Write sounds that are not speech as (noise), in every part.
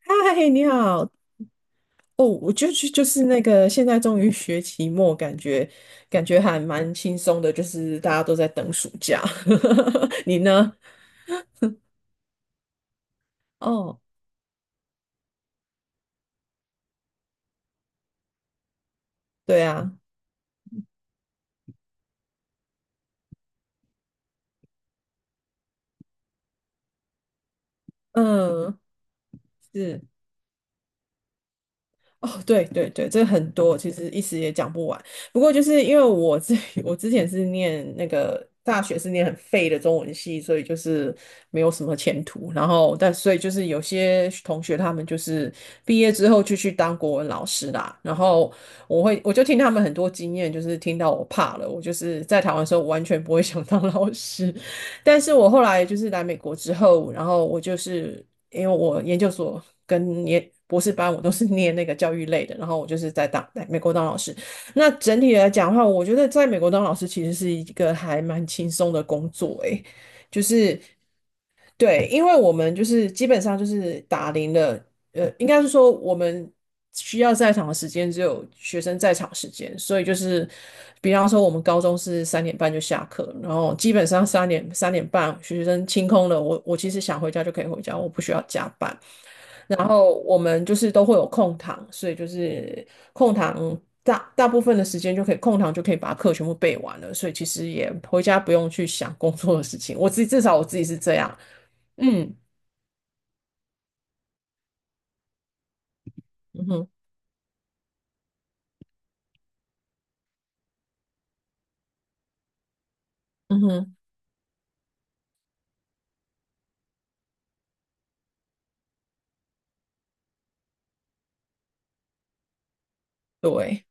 嗨，你好。哦，我就是那个，现在终于学期末，感觉还蛮轻松的，就是大家都在等暑假。(laughs) 你呢？哦，对啊，嗯，是。哦，对对对，这很多，其实一时也讲不完。不过就是因为(laughs) 我之前是念那个大学是念很废的中文系，所以就是没有什么前途。然后所以就是有些同学他们就是毕业之后就去当国文老师啦。然后我就听他们很多经验，就是听到我怕了。我就是在台湾的时候，我完全不会想当老师，但是我后来就是来美国之后，然后我就是因为我研究所跟博士班我都是 (laughs) 念那个教育类的，然后我就是在美国当老师。那整体来讲的话，我觉得在美国当老师其实是一个还蛮轻松的工作，诶，就是。对，因为我们就是基本上就是打铃了，应该是说我们需要在场的时间只有学生在场时间，所以就是，比方说我们高中是三点半就下课，然后基本上三点半学生清空了，我其实想回家就可以回家，我不需要加班。然后我们就是都会有空堂，所以就是空堂大部分的时间就可以空堂就可以把课全部背完了，所以其实也回家不用去想工作的事情，我自己至少我自己是这样，嗯。嗯哼，嗯哼，对，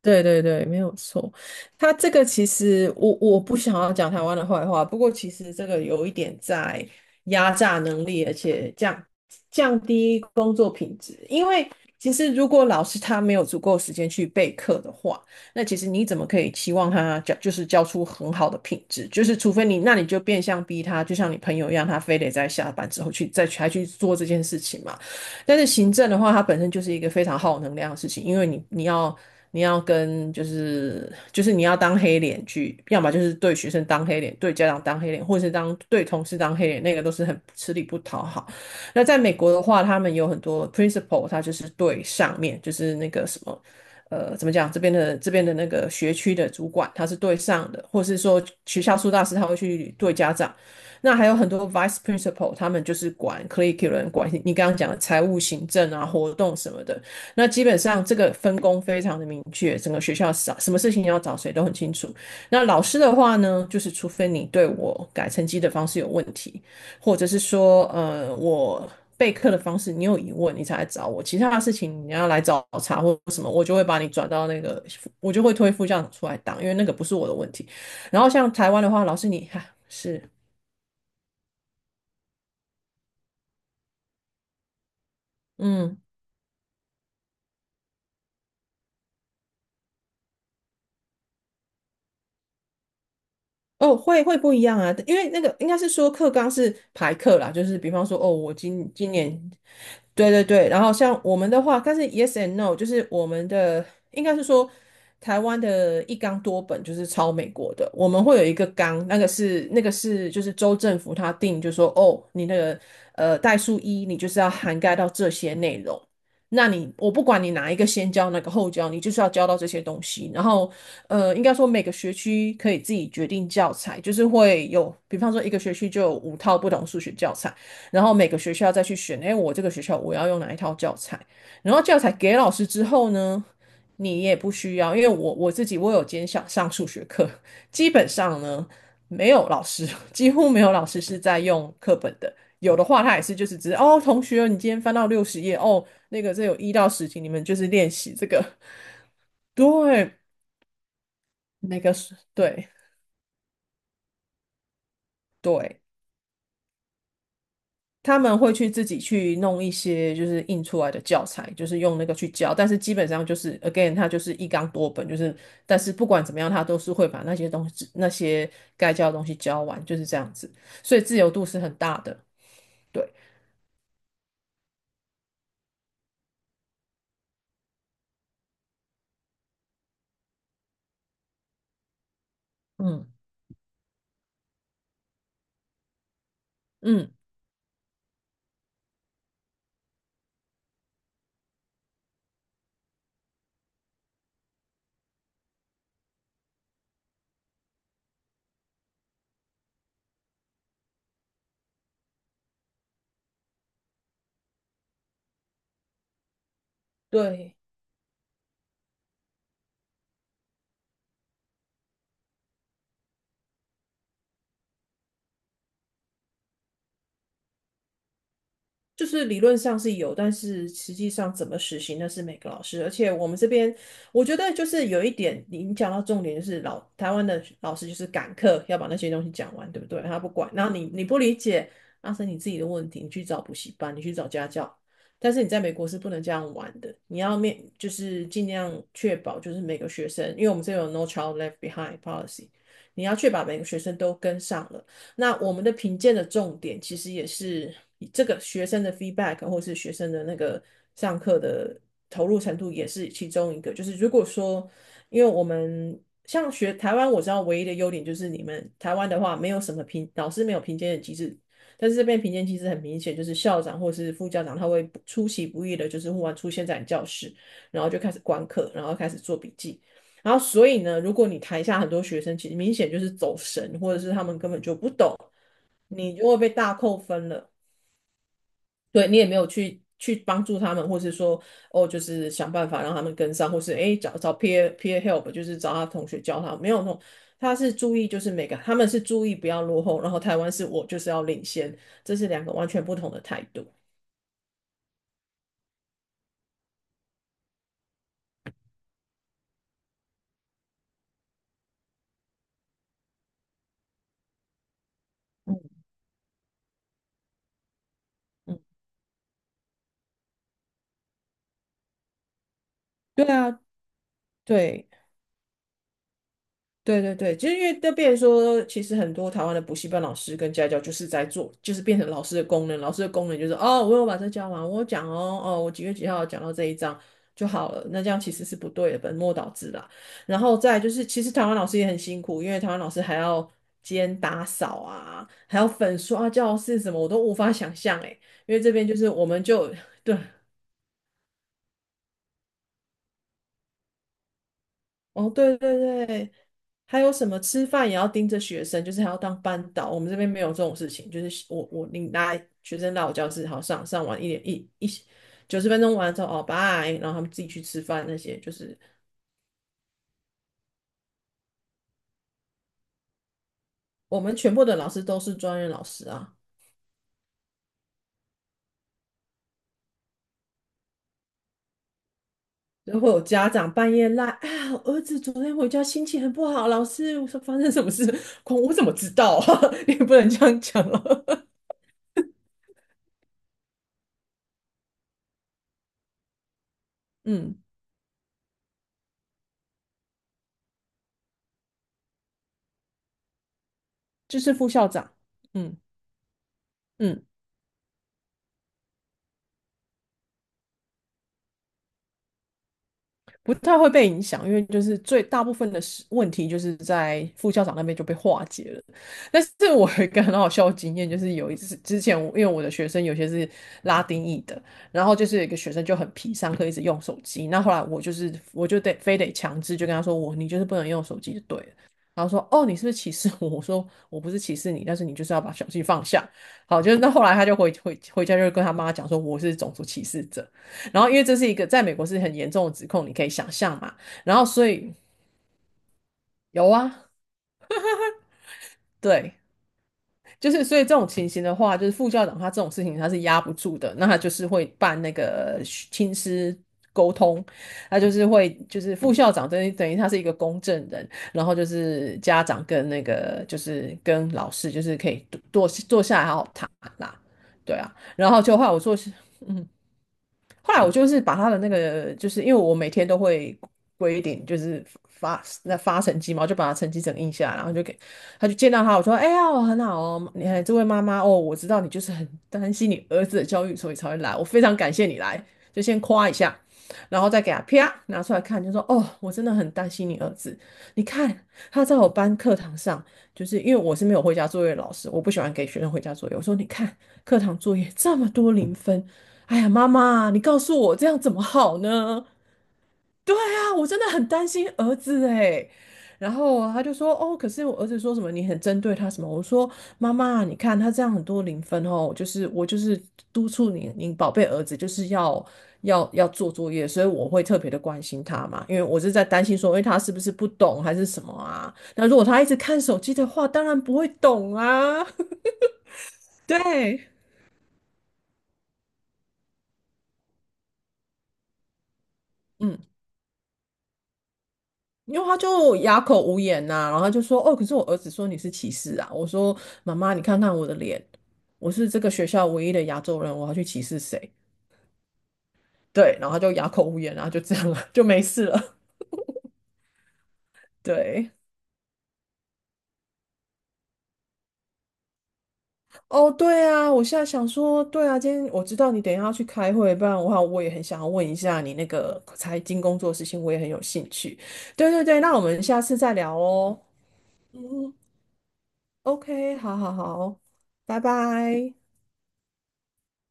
对对对，没有错。他这个其实我不想要讲台湾的坏话，不过其实这个有一点在压榨能力，而且降低工作品质。因为其实如果老师他没有足够时间去备课的话，那其实你怎么可以期望他教就是教出很好的品质？就是除非你，那你就变相逼他，就像你朋友一样，他非得在下班之后去再去还去做这件事情嘛。但是行政的话，它本身就是一个非常耗能量的事情，因为你要跟就是你要当黑脸去，要么就是对学生当黑脸，对家长当黑脸，或者是对同事当黑脸，那个都是很吃力不讨好。那在美国的话，他们有很多 principal，他就是对上面就是那个什么。怎么讲？这边的那个学区的主管，他是对上的，或是说学校辅导师，他会去对家长。那还有很多 vice principal，他们就是管 curriculum，管你刚刚讲的财务、行政啊、活动什么的。那基本上这个分工非常的明确，整个学校找什么事情要找谁都很清楚。那老师的话呢，就是除非你对我改成绩的方式有问题，或者是说，备课的方式，你有疑问你才来找我，其他的事情你要来找查或什么，我就会把你转到那个，我就会推副校长出来当，因为那个不是我的问题。然后像台湾的话，老师你哈、是。嗯，哦，会不一样啊，因为那个应该是说课纲是排课啦，就是比方说，哦，今年对对对，然后像我们的话，但是 yes and no，就是我们的应该是说，台湾的一纲多本就是抄美国的，我们会有一个纲，那个是就是州政府他定，就说哦，你那个代数一，你就是要涵盖到这些内容。那你我不管你哪一个先教，哪个后教，你就是要教到这些东西。然后应该说每个学区可以自己决定教材，就是会有，比方说一个学区就有五套不同数学教材。然后每个学校再去选，哎，我这个学校我要用哪一套教材，然后教材给老师之后呢，你也不需要，因为我自己我有兼想上数学课，基本上呢没有老师，(laughs) 几乎没有老师是在用课本的，有的话他也是就是只是哦，同学，你今天翻到60页哦，那个这有1到10题，你们就是练习这个，(laughs) 对，那个是，对对。他们会去自己去弄一些就是印出来的教材，就是用那个去教，但是基本上就是 again，它就是一纲多本，就是但是不管怎么样，他都是会把那些该教的东西教完，就是这样子，所以自由度是很大的。对，嗯嗯，对。就是理论上是有，但是实际上怎么实行那是每个老师。而且我们这边，我觉得就是有一点，你讲到重点就是台湾的老师就是赶课，要把那些东西讲完，对不对？他不管，然后你不理解，那是你自己的问题，你去找补习班，你去找家教。但是你在美国是不能这样玩的，你要就是尽量确保就是每个学生，因为我们这有 No Child Left Behind policy，你要确保每个学生都跟上了。那我们的评鉴的重点其实也是这个学生的 feedback 或是学生的那个上课的投入程度也是其中一个。就是如果说，因为我们像台湾，我知道唯一的优点就是你们台湾的话没有什么老师没有评鉴的机制。但是这边评鉴机制很明显，就是校长或是副校长他会出其不意的，就是忽然出现在你教室，然后就开始观课，然后开始做笔记。然后所以呢，如果你台下很多学生，其实明显就是走神，或者是他们根本就不懂，你就会被大扣分了。对你也没有去帮助他们，或是说哦，就是想办法让他们跟上，或是诶找找 peer help，就是找他同学教他，没有那种。他是注意，就是每个他们是注意不要落后，然后台湾是我就是要领先，这是两个完全不同的态度。嗯，对啊，对。对对对，其实因为就变成说，其实很多台湾的补习班老师跟家教就是在做，就是变成老师的功能。老师的功能就是哦，我有把这教完，我有讲哦，哦，我几月几号讲到这一章就好了。那这样其实是不对的，本末倒置啦。然后再来就是，其实台湾老师也很辛苦，因为台湾老师还要兼打扫啊，还要粉刷教室什么，我都无法想象诶。因为这边就是我们就 (laughs) 对哦，对对对，还有什么吃饭也要盯着学生，就是还要当班导。我们这边没有这种事情，就是我你拿学生到我教室，好上完一点一一90分钟完了之后，哦，拜，然后他们自己去吃饭那些，就是我们全部的老师都是专业老师啊。然后有家长半夜赖啊，我儿子昨天回家心情很不好，老师，我说发生什么事？我怎么知道啊？(laughs) 你不能这样讲啊。(laughs) 嗯，就是副校长，嗯嗯。不太会被影响，因为就是最大部分的问题就是在副校长那边就被化解了。但是我有一个很好笑的经验，就是有一次之前我因为我的学生有些是拉丁裔的，然后就是有一个学生就很皮，上课一直用手机。那后来我就得非得强制就跟他说你就是不能用手机就对了。然后说哦你是不是歧视我？(laughs) 我说我不是歧视你，但是你就是要把手机放下。好，就是那后来他就回家就跟他妈讲说我是种族歧视者。然后因为这是一个在美国是很严重的指控，你可以想象嘛。然后所以有啊，对，就是所以这种情形的话，就是副校长他这种事情他是压不住的，那他就是会办那个亲师。沟通，他就是会，就是副校长等于他是一个公证人，然后就是家长跟那个就是跟老师，就是可以坐下来好好谈啦，对啊，然后就后来我做，嗯，后来我就是把他的那个，就是因为我每天都会规定，就是发那发成绩嘛，我就把他成绩整印下来，然后就给他就见到他，我说：“哎呀，我很好哦，你看这位妈妈哦，我知道你就是很担心你儿子的教育，所以才会来，我非常感谢你来，就先夸一下，然后再给他啪拿出来看，就说：哦，我真的很担心你儿子，你看他在我班课堂上，就是因为我是没有回家作业的老师，我不喜欢给学生回家作业，我说你看课堂作业这么多零分。”哎呀，妈妈，你告诉我这样怎么好呢？对啊，我真的很担心儿子哎。然后他就说，哦，可是我儿子说什么你很针对他什么？我说，妈妈，你看他这样很多零分哦，就是我就是督促你，你宝贝儿子就是要做作业，所以我会特别的关心他嘛，因为我是在担心说，因为他是不是不懂还是什么啊？那如果他一直看手机的话，当然不会懂啊。(laughs) 对，嗯。因为他就哑口无言呐、然后他就说：“哦，可是我儿子说你是歧视啊。”我说：“妈妈，你看看我的脸，我是这个学校唯一的亚洲人，我要去歧视谁？”对，然后他就哑口无言然后就这样了，(laughs) 就没事了。对，哦，对啊，我现在想说，对啊，今天我知道你等一下要去开会，不然的话，我也很想要问一下你那个财经工作的事情，我也很有兴趣。对对对，那我们下次再聊哦。嗯，OK，好好好，拜拜。